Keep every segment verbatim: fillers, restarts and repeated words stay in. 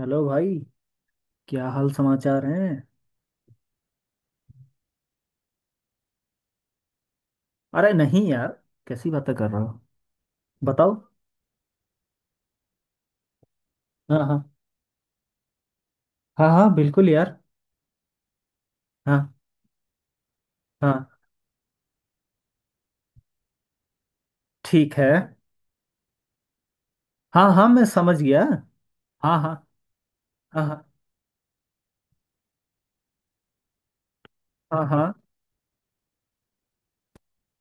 Hello भाई। क्या हाल समाचार हैं? अरे नहीं यार, कैसी बातें कर रहे हो। बताओ। हाँ हाँ। हाँ हाँ बिल्कुल यार। हाँ हाँ। ठीक है। हाँ हाँ, मैं समझ गया। हाँ हाँ हाँ हाँ। हाँ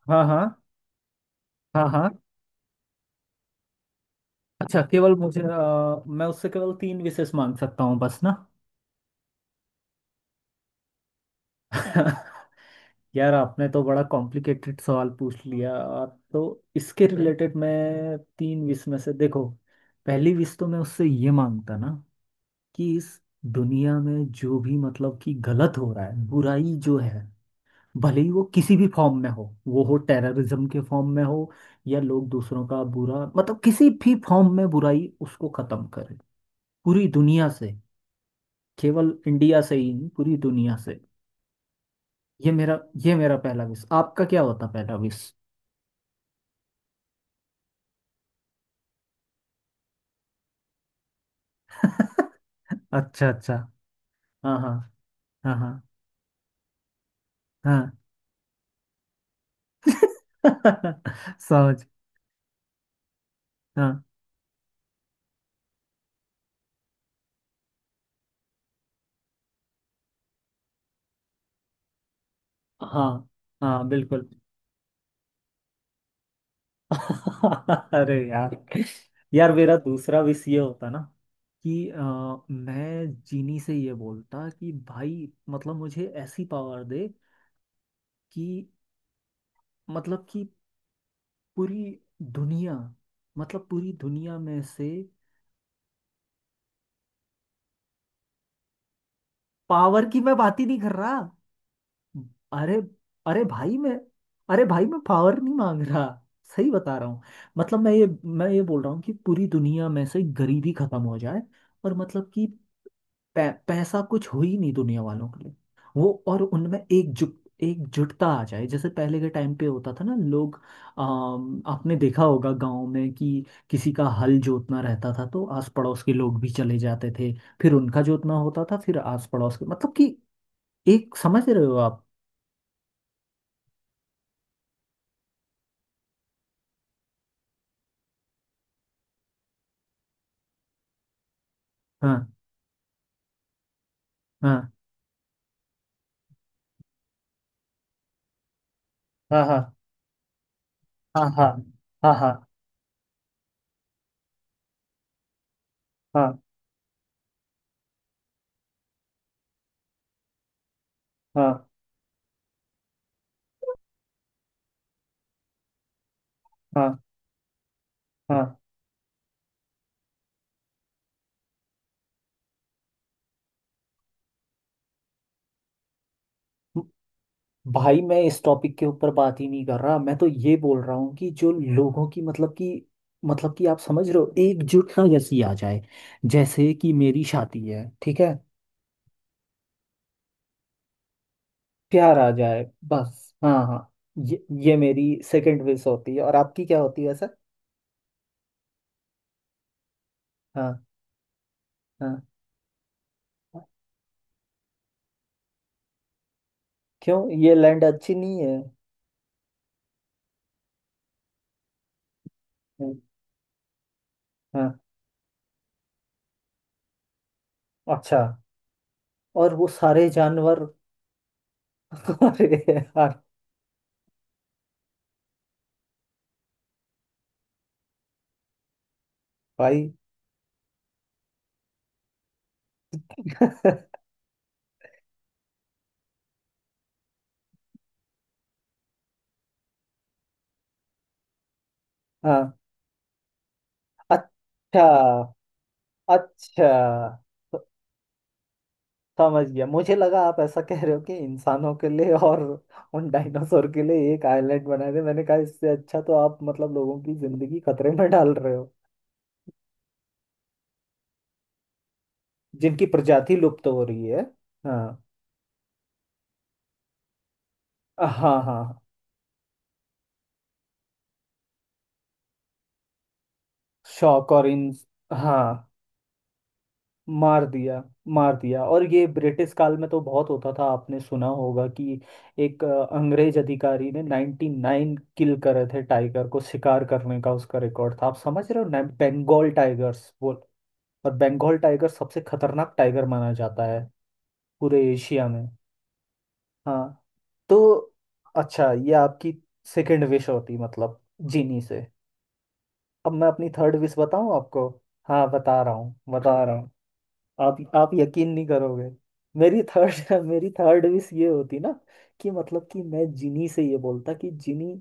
हाँ हाँ हाँ हाँ हाँ। अच्छा, केवल मुझे अ, मैं उससे केवल तीन विशेष मांग सकता हूँ बस ना। यार, आपने तो बड़ा कॉम्प्लिकेटेड सवाल पूछ लिया। तो इसके रिलेटेड मैं तीन विश में से देखो, पहली विश तो मैं उससे ये मांगता ना कि इस दुनिया में जो भी मतलब कि गलत हो रहा है, बुराई जो है, भले ही वो किसी भी फॉर्म में हो, वो हो टेररिज्म के फॉर्म में हो, या लोग दूसरों का बुरा मतलब किसी भी फॉर्म में बुराई, उसको खत्म करे पूरी दुनिया से, केवल इंडिया से ही नहीं पूरी दुनिया से। ये मेरा ये मेरा पहला विश, आपका क्या होता पहला विश? अच्छा अच्छा। हाँ हाँ हाँ हाँ हाँ। समझ। हाँ हाँ हाँ बिल्कुल। अरे यार, यार मेरा दूसरा विश ये होता ना कि अ, मैं जीनी से ये बोलता कि भाई मतलब मुझे ऐसी पावर दे कि मतलब कि पूरी दुनिया, मतलब पूरी दुनिया में से। पावर की मैं बात ही नहीं कर रहा। अरे अरे भाई मैं अरे भाई मैं पावर नहीं मांग रहा, सही बता रहा हूँ। मतलब मैं ये मैं ये बोल रहा हूँ कि पूरी दुनिया में से गरीबी खत्म हो जाए, और मतलब कि पै, पैसा कुछ हो ही नहीं दुनिया वालों के लिए, वो और उनमें एकजुट एकजुटता आ जाए, जैसे पहले के टाइम पे होता था ना लोग। अम, आपने देखा होगा गांव में कि किसी का हल जोतना रहता था तो आस पड़ोस के लोग भी चले जाते थे, फिर उनका जोतना होता था, फिर आस पड़ोस के मतलब कि एक, समझ रहे हो आप? हाँ हाँ हाँ हाँ हाँ हाँ हाँ हाँ हाँ हाँ हाँ हाँ। भाई मैं इस टॉपिक के ऊपर बात ही नहीं कर रहा, मैं तो ये बोल रहा हूँ कि जो लोगों की मतलब कि, मतलब कि आप समझ रहे हो एकजुटता जैसी आ जाए, जैसे कि मेरी शादी है ठीक है। प्यार आ जाए बस। हाँ हाँ। ये ये मेरी सेकंड विश होती है, और आपकी क्या होती है सर? हाँ हाँ। क्यों, ये लैंड अच्छी नहीं है? हम्म, हाँ। अच्छा, और वो सारे जानवर। अरे यार भाई। हाँ। अच्छा अच्छा समझ गया, मुझे लगा आप ऐसा कह रहे हो कि इंसानों के लिए और उन डायनासोर के लिए एक आइलैंड बना दे, मैंने कहा इससे अच्छा तो आप मतलब लोगों की जिंदगी खतरे में डाल रहे हो। जिनकी प्रजाति लुप्त हो रही है। हाँ हाँ। हाँ, शौक और इन। हाँ, मार दिया। मार दिया, और ये ब्रिटिश काल में तो बहुत होता था, आपने सुना होगा कि एक अ, अंग्रेज अधिकारी ने नाइंटी नाइन किल करे थे टाइगर को, शिकार करने का उसका रिकॉर्ड था। आप समझ रहे हो ना, बंगाल टाइगर्स वो। और बंगाल टाइगर सबसे खतरनाक टाइगर माना जाता है पूरे एशिया में। हाँ, तो अच्छा, ये आपकी सेकंड विश होती मतलब जीनी से। अब मैं अपनी थर्ड विश बताऊं आपको? हाँ, बता रहा हूँ बता रहा हूँ। आप आप यकीन नहीं करोगे। मेरी थर्ड मेरी थर्ड विश ये होती ना कि मतलब कि मैं जिनी से ये बोलता कि जिनी,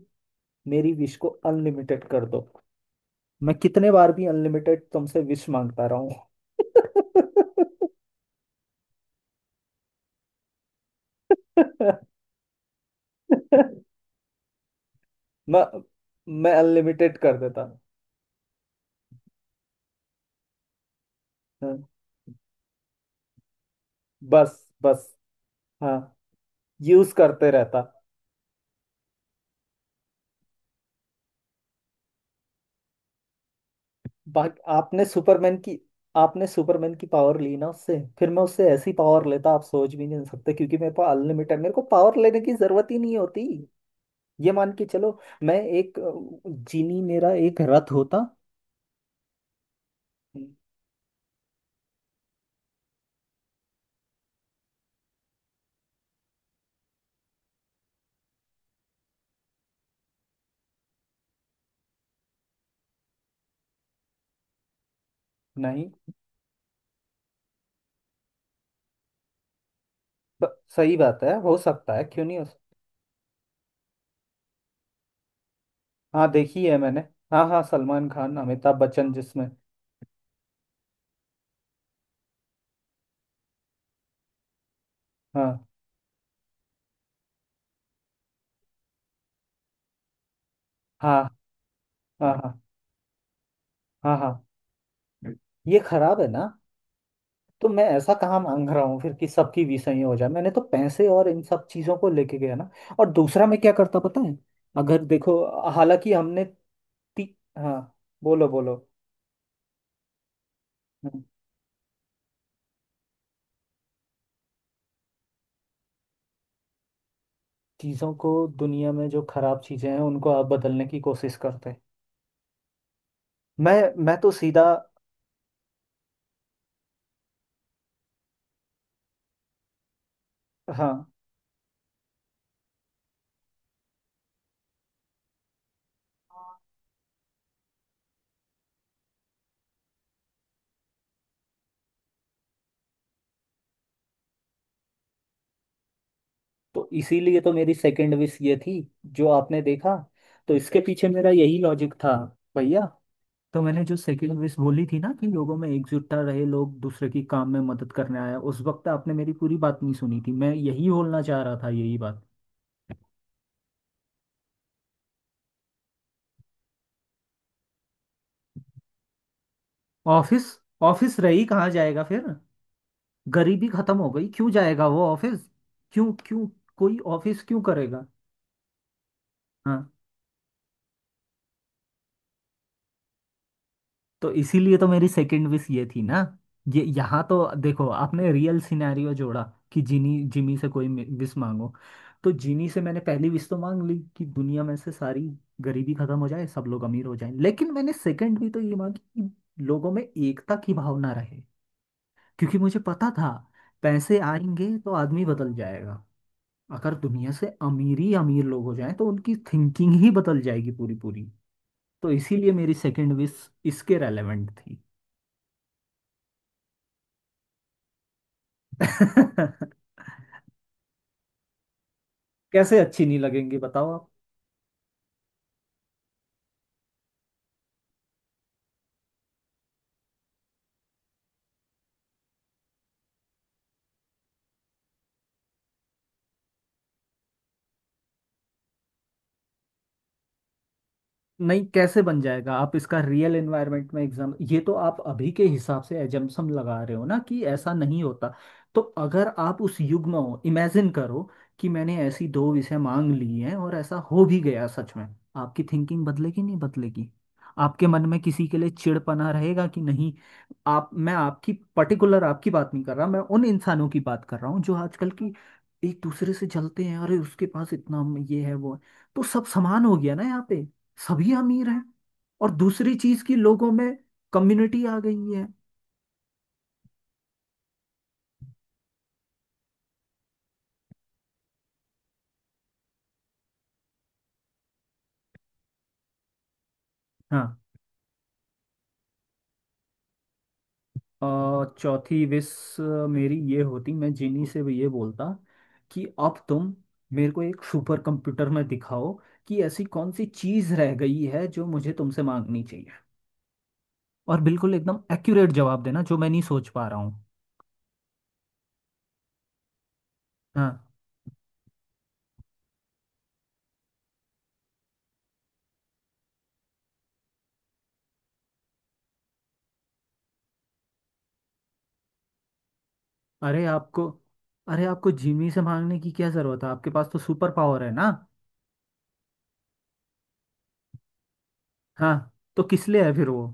मेरी विश को अनलिमिटेड कर दो, मैं कितने बार भी अनलिमिटेड तुमसे विश मांगता रहा हूँ। मैं मैं अनलिमिटेड कर देता। हाँ, बस बस। हाँ, यूज करते रहता। बाकी आपने सुपरमैन की आपने सुपरमैन की पावर ली ना उससे, फिर मैं उससे ऐसी पावर लेता आप सोच भी नहीं सकते, क्योंकि मेरे पास अनलिमिटेड, मेरे को पावर लेने की जरूरत ही नहीं होती। ये मान के चलो, मैं एक जीनी मेरा एक रथ होता। नहीं ब- सही बात है, हो सकता है, क्यों नहीं हो सकता। हाँ, देखी है मैंने। हाँ हाँ सलमान खान अमिताभ बच्चन जिसमें। हाँ हाँ हाँ हाँ हाँ हाँ। ये खराब है ना। तो मैं ऐसा कहाँ मांग रहा हूँ फिर कि सबकी विषय ही हो जाए, मैंने तो पैसे और इन सब चीजों को लेके गया ना। और दूसरा मैं क्या करता पता है, अगर देखो, हालांकि हमने ती, हाँ, बोलो बोलो। हम्म, चीजों को, दुनिया में जो खराब चीजें हैं उनको आप बदलने की कोशिश करते हैं। मैं मैं तो सीधा, हाँ तो इसीलिए तो मेरी सेकंड विश ये थी, जो आपने देखा। तो इसके पीछे मेरा यही लॉजिक था भैया। तो मैंने जो सेकंड विश बोली थी ना कि लोगों में एकजुटता रहे, लोग दूसरे की काम में मदद करने आए, उस वक्त आपने मेरी पूरी बात नहीं सुनी थी, मैं यही बोलना चाह रहा था, यही बात। ऑफिस, ऑफिस रही कहाँ जाएगा फिर? गरीबी खत्म हो गई क्यों जाएगा वो ऑफिस? क्यों क्यों? कोई ऑफिस क्यों करेगा? हाँ। तो इसीलिए तो मेरी सेकंड विश ये थी ना, ये यहाँ तो देखो आपने रियल सिनेरियो जोड़ा कि जिनी जिमी से कोई विश मांगो, तो जिनी से मैंने पहली विश तो मांग ली कि दुनिया में से सारी गरीबी खत्म हो जाए, सब लोग अमीर हो जाएं, लेकिन मैंने सेकंड भी तो ये मांगी कि लोगों में एकता की भावना रहे, क्योंकि मुझे पता था पैसे आएंगे तो आदमी बदल जाएगा, अगर दुनिया से अमीर ही अमीर लोग हो जाएं तो उनकी थिंकिंग ही बदल जाएगी पूरी पूरी। तो इसीलिए मेरी सेकंड विश इसके रेलेवेंट थी। कैसे अच्छी नहीं लगेंगी बताओ आप? नहीं कैसे बन जाएगा, आप इसका रियल एनवायरनमेंट में एग्जाम, ये तो आप अभी के हिसाब से एजम्पशन लगा रहे हो ना कि ऐसा नहीं होता। तो अगर आप उस युग में हो, इमेजिन करो कि मैंने ऐसी दो विषय मांग ली हैं और ऐसा हो भी गया सच में, आपकी थिंकिंग बदलेगी नहीं बदलेगी? आपके मन में किसी के लिए चिड़पना रहेगा कि नहीं? आप, मैं आपकी पर्टिकुलर आपकी बात नहीं कर रहा, मैं उन इंसानों की बात कर रहा हूँ जो आजकल की एक दूसरे से जलते हैं, अरे उसके पास इतना ये है वो है। तो सब समान हो गया ना यहाँ पे, सभी अमीर हैं। और दूसरी चीज की लोगों में कम्युनिटी आ गई है। हाँ, और चौथी विश मेरी ये होती, मैं जिनी से भी ये बोलता कि अब तुम मेरे को एक सुपर कंप्यूटर में दिखाओ कि ऐसी कौन सी चीज रह गई है जो मुझे तुमसे मांगनी चाहिए, और बिल्कुल एकदम एक्यूरेट जवाब देना जो मैं नहीं सोच पा रहा हूँ। हाँ। अरे आपको अरे आपको जिमी से मांगने की क्या जरूरत है, आपके पास तो सुपर पावर है ना। हाँ, तो किस लिए है फिर वो?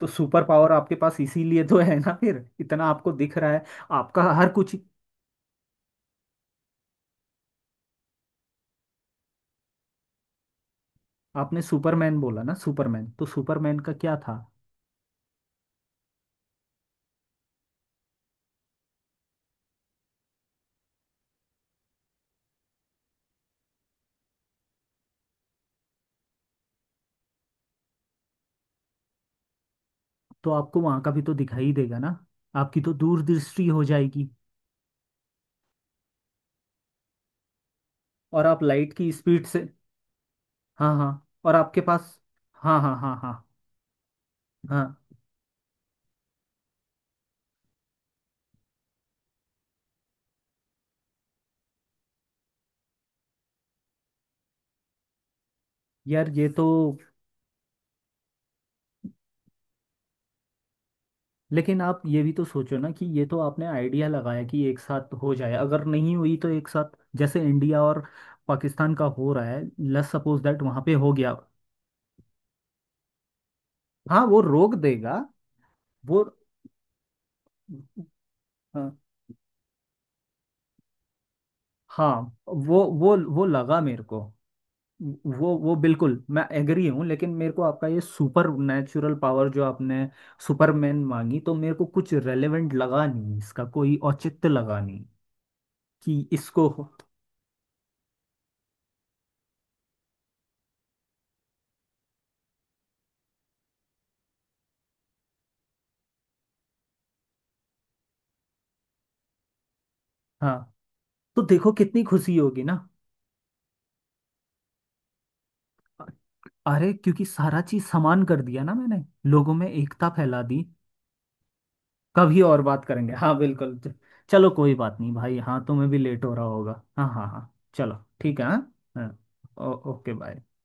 तो सुपर पावर आपके पास इसीलिए तो है ना, फिर इतना आपको दिख रहा है आपका हर कुछ। आपने सुपरमैन बोला ना, सुपरमैन, तो सुपरमैन का क्या था। तो आपको वहां का भी तो दिखाई देगा ना, आपकी तो दूरदृष्टि हो जाएगी। और आप लाइट की स्पीड से, हाँ हाँ, और आपके पास, हाँ हाँ हाँ हाँ हाँ। यार ये तो, लेकिन आप ये भी तो सोचो ना कि ये तो आपने आइडिया लगाया कि एक साथ हो जाए, अगर नहीं हुई तो एक साथ, जैसे इंडिया और पाकिस्तान का हो रहा है, लेट्स सपोज दैट वहां पे हो गया। हाँ वो रोक देगा, वो, हाँ हाँ, वो वो वो लगा मेरे को, वो वो बिल्कुल मैं एग्री हूँ, लेकिन मेरे को आपका ये सुपर नेचुरल पावर जो आपने सुपरमैन मांगी, तो मेरे को कुछ रेलेवेंट लगा नहीं, इसका कोई औचित्य लगा नहीं कि इसको। हाँ, तो देखो कितनी खुशी होगी ना। अरे क्योंकि सारा चीज समान कर दिया ना मैंने, लोगों में एकता फैला दी। कभी और बात करेंगे हाँ बिल्कुल, च- चलो कोई बात नहीं भाई, हाँ तुम्हें भी लेट हो रहा होगा, हाँ हाँ हाँ चलो। ठीक है हाँ, हाँ। ओ- ओके बाय।